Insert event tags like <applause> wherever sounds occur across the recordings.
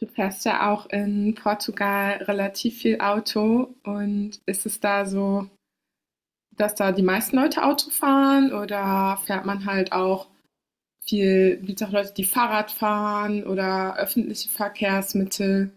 Du fährst ja auch in Portugal relativ viel Auto. Und ist es da so, dass da die meisten Leute Auto fahren oder fährt man halt auch viel, gibt es auch Leute, die Fahrrad fahren oder öffentliche Verkehrsmittel?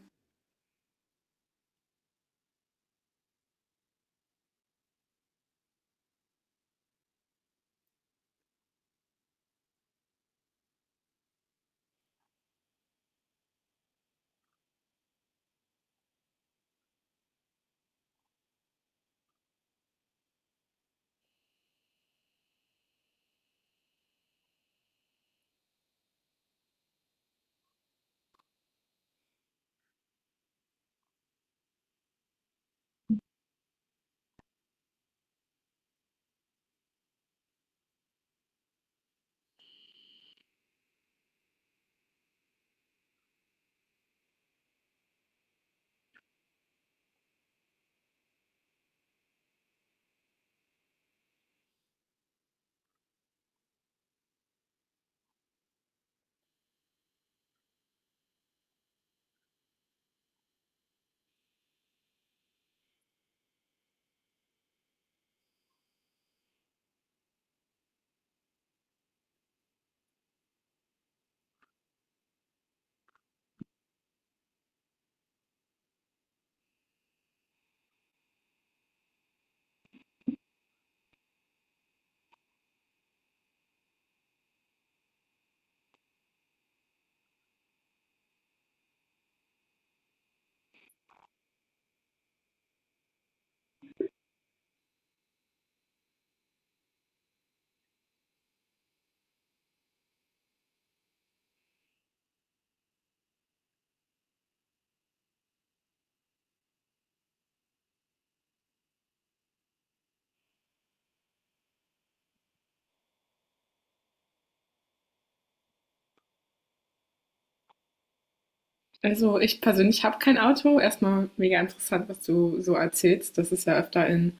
Also ich persönlich habe kein Auto. Erstmal mega interessant, was du so erzählst. Das ist ja öfter in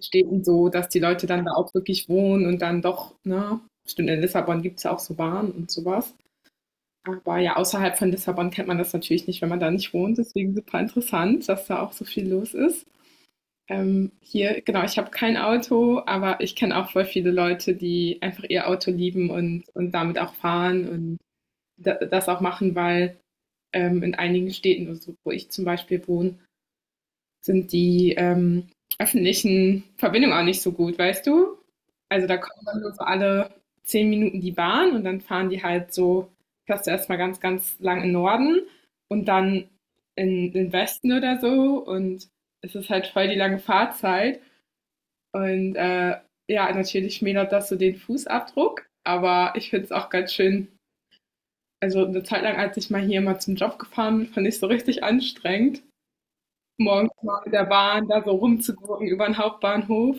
Städten so, dass die Leute dann da auch wirklich wohnen und dann doch, ne? Stimmt, in Lissabon gibt es ja auch so Bahnen und sowas. Aber ja, außerhalb von Lissabon kennt man das natürlich nicht, wenn man da nicht wohnt. Deswegen super interessant, dass da auch so viel los ist. Hier, genau, ich habe kein Auto, aber ich kenne auch voll viele Leute, die einfach ihr Auto lieben und damit auch fahren und da, das auch machen, weil in einigen Städten, also wo ich zum Beispiel wohne, sind die öffentlichen Verbindungen auch nicht so gut, weißt du? Also, da kommt dann nur so alle 10 Minuten die Bahn und dann fahren die halt so, fährst du erst ganz, ganz lang in Norden und dann in den Westen oder so, und es ist halt voll die lange Fahrzeit und, ja, natürlich schmälert das so den Fußabdruck, aber ich finde es auch ganz schön. Also, eine Zeit lang, als ich mal hier mal zum Job gefahren bin, fand ich's so richtig anstrengend, morgens mal mit der Bahn da so rumzugurken über den Hauptbahnhof.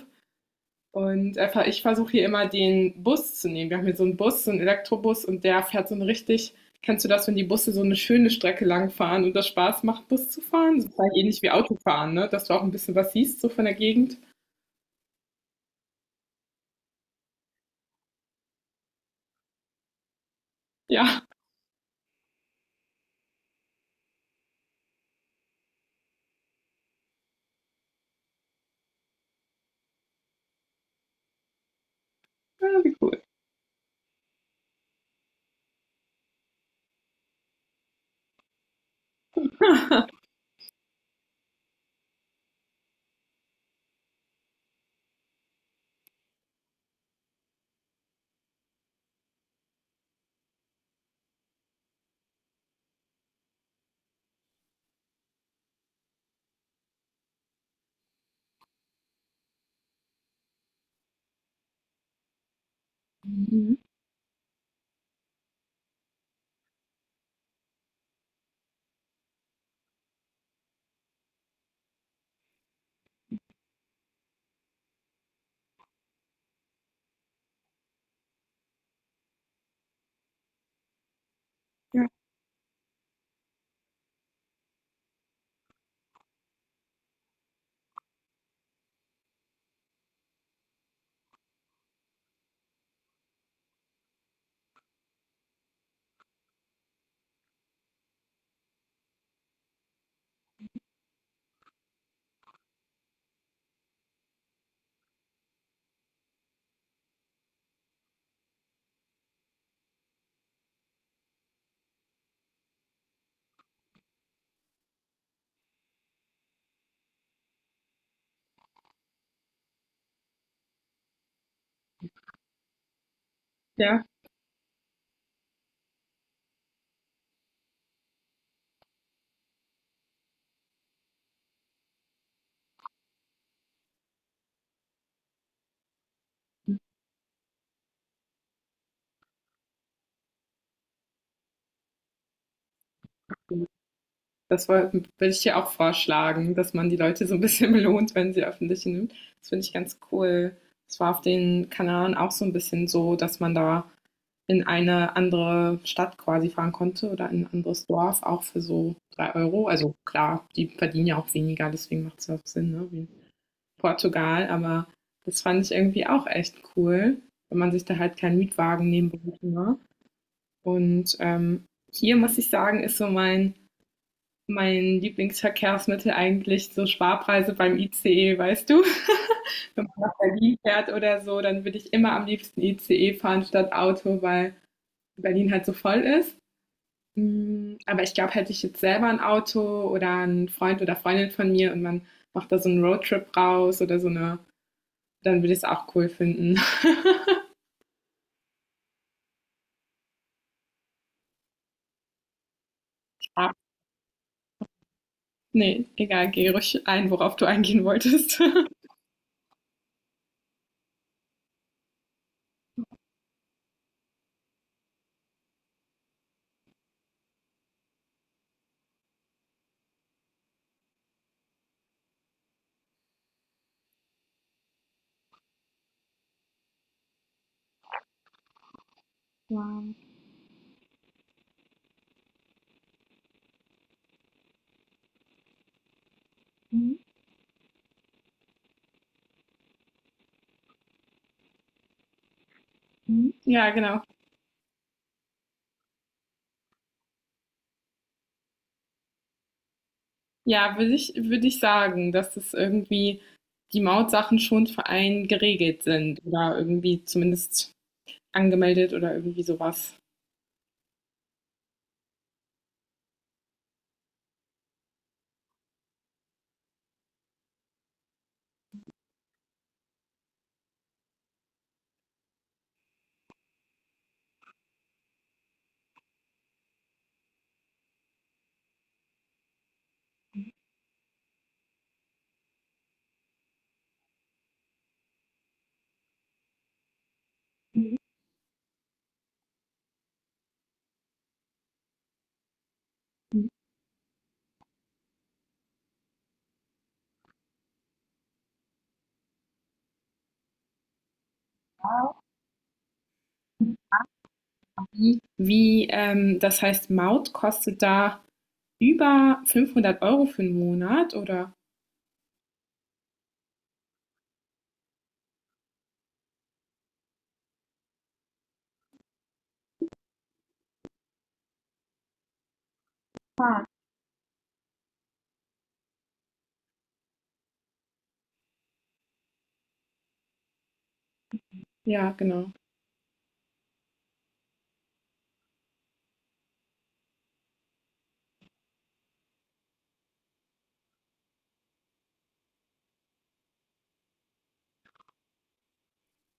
Und einfach, ich versuche hier immer den Bus zu nehmen. Wir haben hier so einen Bus, so einen Elektrobus, und der fährt so eine richtig, kennst du das, wenn die Busse so eine schöne Strecke lang fahren und das Spaß macht, Bus zu fahren? So ähnlich wie Autofahren, ne, dass du auch ein bisschen was siehst so von der Gegend. Ja, <laughs> ja, wie cool. Mhm. Ja, ja, das woll würde ich dir auch vorschlagen, dass man die Leute so ein bisschen <laughs> belohnt, wenn sie öffentliche nimmt. Das finde ich ganz cool. Das war auf den Kanaren auch so ein bisschen so, dass man da in eine andere Stadt quasi fahren konnte oder in ein anderes Dorf, auch für so 3 Euro. Also klar, die verdienen ja auch weniger, deswegen macht es ja auch Sinn, ne? Wie in Portugal. Aber das fand ich irgendwie auch echt cool, wenn man sich da halt keinen Mietwagen nehmen musste. Ne? Und hier muss ich sagen, ist so mein Lieblingsverkehrsmittel eigentlich so Sparpreise beim ICE, weißt du? <laughs> Wenn man nach Berlin fährt oder so, dann würde ich immer am liebsten ICE fahren statt Auto, weil Berlin halt so voll ist. Hm, aber ich glaube, hätte ich jetzt selber ein Auto oder 'n Freund oder Freundin von mir und man macht da so 'n Roadtrip raus oder so eine, dann würde ich es auch cool finden. <laughs> Ja, ne, egal, geh ruhig ein, worauf du eingehen wolltest. <laughs> Wow. Mhm, mhm. Ja, genau. Ja, würde ich sagen, dass es irgendwie die Mautsachen schon für einen geregelt sind oder irgendwie zumindest angemeldet oder irgendwie sowas was. Mhm. Wie, das heißt, Maut kostet da über 500 Euro für einen Monat oder ja, genau.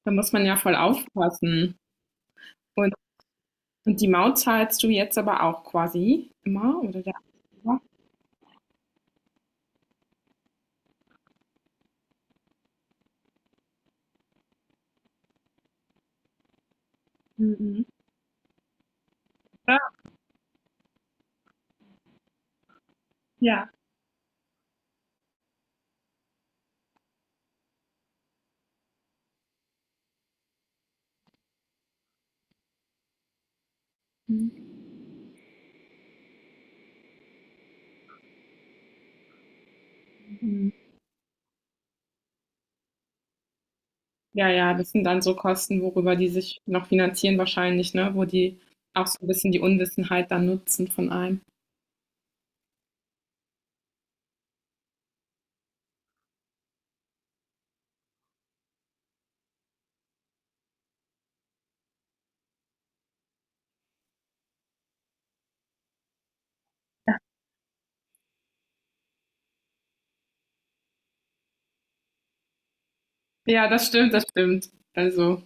Da muss man ja voll aufpassen. Und die Maut zahlst du jetzt aber auch quasi immer oder der Anwalt? Mhm. Ah, ja. Mhm. Ja, ja, das sind dann so Kosten, worüber die sich noch finanzieren wahrscheinlich, ne, wo die auch so ein bisschen die Unwissenheit dann nutzen von einem. Ja, das stimmt, das stimmt. Also